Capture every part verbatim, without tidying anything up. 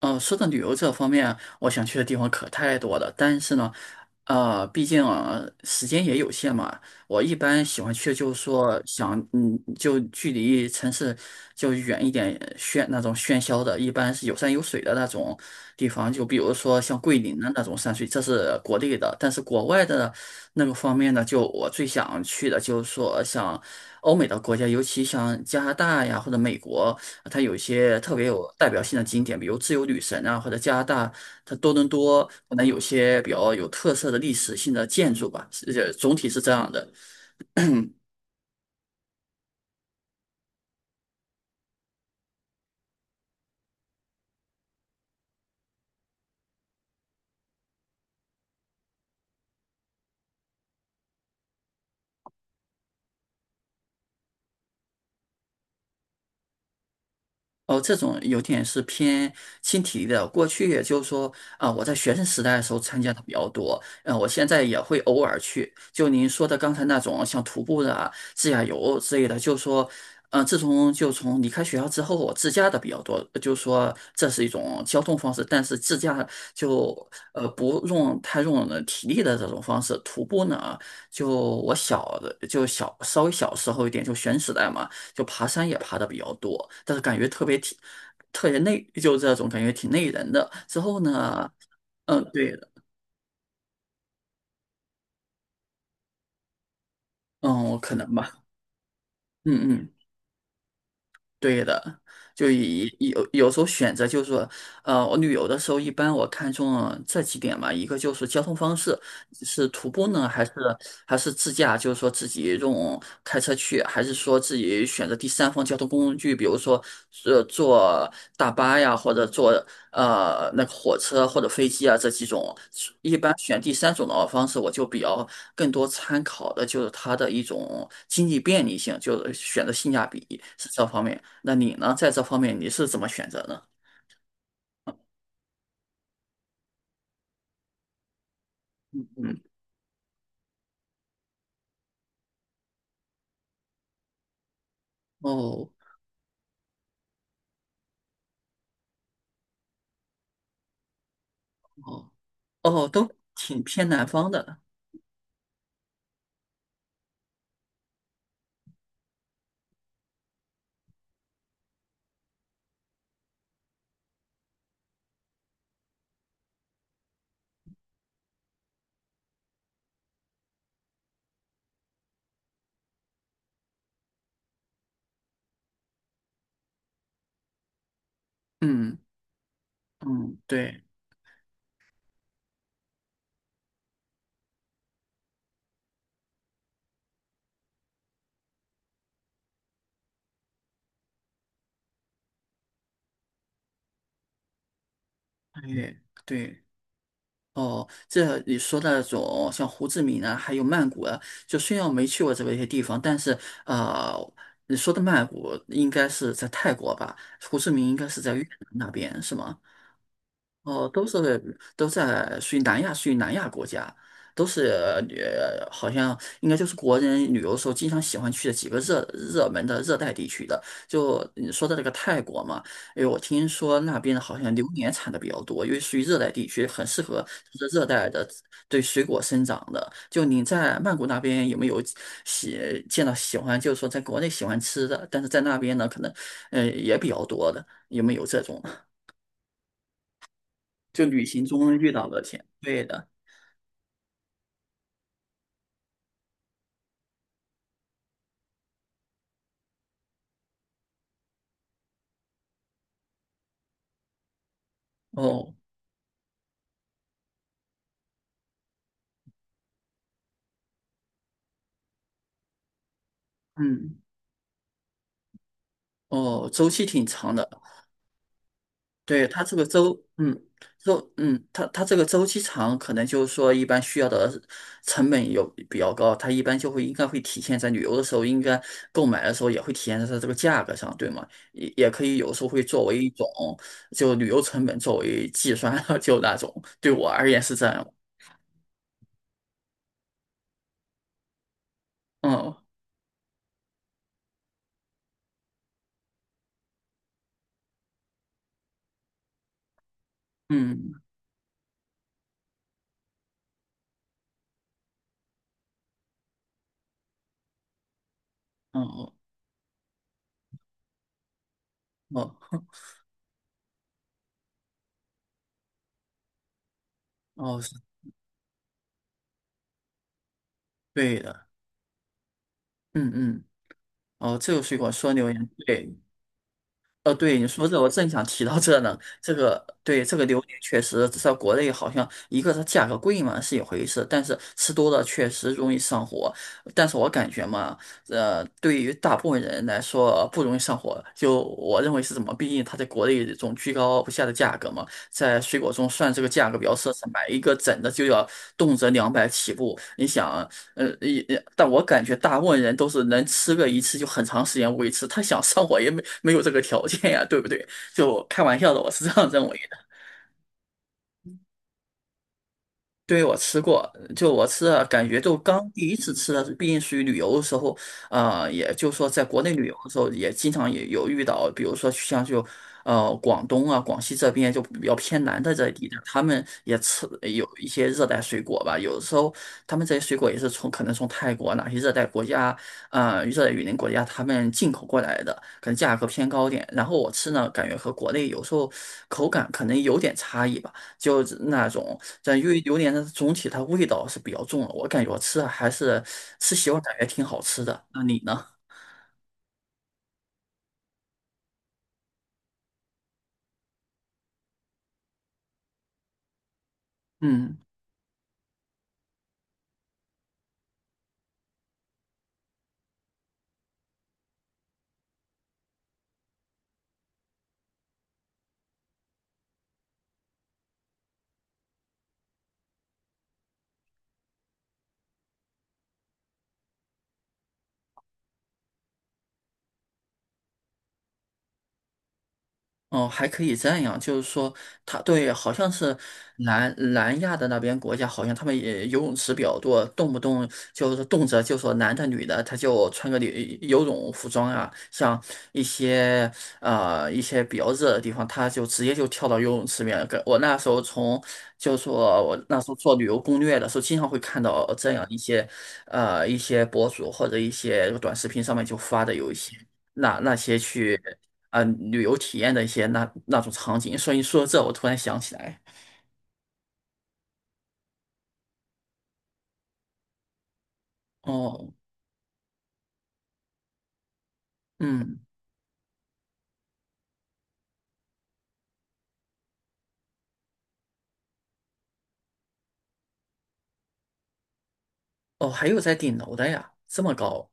呃，说到旅游这方面，我想去的地方可太多了。但是呢，呃，毕竟啊时间也有限嘛，我一般喜欢去就是说想，嗯，就距离城市就远一点，喧那种喧嚣的，一般是有山有水的那种地方。就比如说像桂林的那种山水，这是国内的。但是国外的那个方面呢，就我最想去的就是说像，欧美的国家，尤其像加拿大呀或者美国，它有一些特别有代表性的景点，比如自由女神啊，或者加拿大它多伦多可能有些比较有特色的历史性的建筑吧，是呃总体是这样的。哦，这种有点是偏轻体力的。过去也就是说，啊、我在学生时代的时候参加的比较多，嗯、我现在也会偶尔去。就您说的刚才那种像徒步的啊、自驾游之类的，就是说，嗯、自从就从离开学校之后，我自驾的比较多，就是说这是一种交通方式，但是自驾就呃不用太用了体力的这种方式。徒步呢，就我小的就小稍微小时候一点，就学生时代嘛。就爬山也爬的比较多，但是感觉特别挺，特别累，就这种感觉挺累人的。之后呢，嗯，对的，嗯，可能吧，嗯嗯。对的，就以有有时候选择就是说，呃，我旅游的时候一般我看中了这几点嘛，一个就是交通方式，是徒步呢，还是还是自驾，就是说自己用开车去，还是说自己选择第三方交通工具，比如说呃坐大巴呀，或者坐呃那个火车或者飞机啊这几种，一般选第三种的方式，我就比较更多参考的就是它的一种经济便利性，就是选择性价比是这方面。那你呢，在这方面你是怎么选择呢？嗯，哦哦哦，都挺偏南方的。嗯嗯，对，对对。哦，这你说的那种像胡志明啊，还有曼谷啊，就虽然我没去过这一些地方，但是呃，你说的曼谷应该是在泰国吧？胡志明应该是在越南那边，是吗？哦，都是都在属于南亚，属于南亚国家，都是呃，好像应该就是国人旅游的时候经常喜欢去的几个热热门的热带地区的。就你说的那个泰国嘛，因为我听说那边好像榴莲产的比较多，因为属于热带地区，很适合就是热带的对水果生长的。就你在曼谷那边有没有喜见到喜欢，就是说在国内喜欢吃的，但是在那边呢，可能呃也比较多的，有没有这种？就旅行中遇到的钱，对的，哦，嗯，哦，周期挺长的，对，它这个周，嗯，周，嗯，它它这个周期长，可能就是说一般需要的成本有比较高，它一般就会应该会体现在旅游的时候，应该购买的时候也会体现在它这个价格上，对吗？也也可以有时候会作为一种就旅游成本作为计算，就那种，对我而言是这样，嗯嗯嗯哦哦哦，是对的，嗯嗯。哦，这个水果说榴莲，对，呃，对，你说这，我正想提到这呢。这个，对，这个榴莲确实在国内好像一个它价格贵嘛是一回事，但是吃多了确实容易上火。但是我感觉嘛，呃，对于大部分人来说不容易上火，就我认为是怎么？毕竟它在国内这种居高不下的价格嘛，在水果中算这个价格比较奢侈，买一个整的就要动辄两百起步。你想。呃，也也但我感觉大部分人都是能吃个一次就很长时间维持，他想上火也没没有这个条件呀，对不对？就开玩笑的，我是这样认为。对，我吃过，就我吃了，感觉就刚第一次吃的，毕竟属于旅游的时候，呃，也就是说在国内旅游的时候，也经常也有遇到，比如说像就呃广东啊、广西这边就比较偏南的这地带，他们也吃有一些热带水果吧，有的时候他们这些水果也是从可能从泰国哪些热带国家，呃，热带雨林国家他们进口过来的，可能价格偏高点，然后我吃呢，感觉和国内有时候口感可能有点差异吧。就是那种，但因为榴莲的总体它味道是比较重的，我感觉我吃的还是吃习惯，感觉挺好吃的。那你呢？嗯。哦，还可以这样，就是说，他对，好像是南南亚的那边国家，好像他们也游泳池比较多，动不动就是动辄就说男的女的，他就穿个游游泳服装啊，像一些呃一些比较热的地方，他就直接就跳到游泳池里面。跟我那时候从，就是说我那时候做旅游攻略的时候，经常会看到这样一些呃一些博主或者一些短视频上面就发的有一些那那些去。呃旅游体验的一些那那种场景，所以说这我突然想起来，哦，嗯，哦，还有在顶楼的呀，这么高，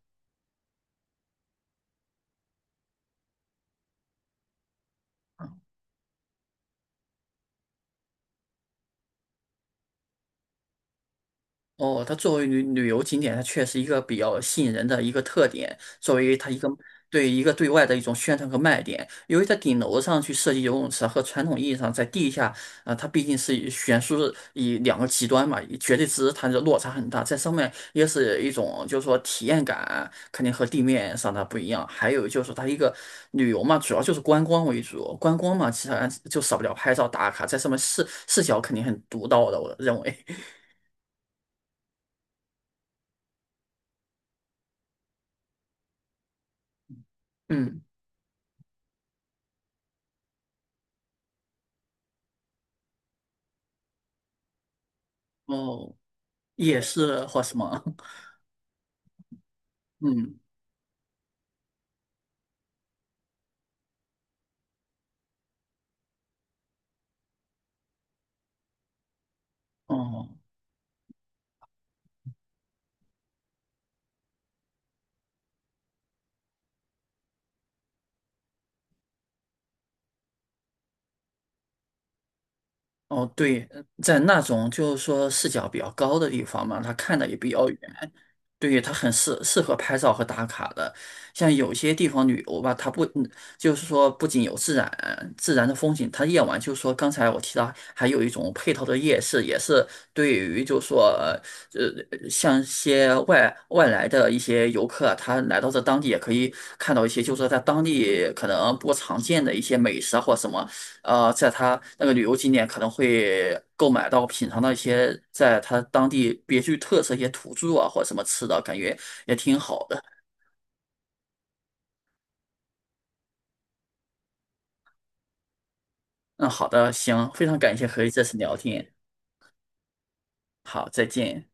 哦，它作为旅旅游景点，它确实一个比较吸引人的一个特点，作为它一个对一个对外的一种宣传和卖点。由于在顶楼上去设计游泳池，和传统意义上在地下，啊、它毕竟是以悬殊的以两个极端嘛，以绝对值它的落差很大。在上面也是一种就是说体验感，肯定和地面上的不一样。还有就是它一个旅游嘛，主要就是观光为主，观光嘛，其实就少不了拍照打卡，在上面视视角肯定很独到的，我认为，嗯。哦，也是或什么，嗯，哦，哦，对，呃在那种就是说视角比较高的地方嘛，他看的也比较远，对，它很适适合拍照和打卡的。像有些地方旅游吧，它不嗯就是说不仅有自然自然的风景，它夜晚就是说刚才我提到还有一种配套的夜市，也是对于就是说呃呃像一些外外来的一些游客啊他来到这当地也可以看到一些就是说在当地可能不常见的一些美食啊或什么。呃，在他那个旅游景点可能会购买到品尝到一些在他当地别具特色一些土著啊或者什么吃的，感觉也挺好的。嗯，好的，行，非常感谢和你这次聊天，好，再见。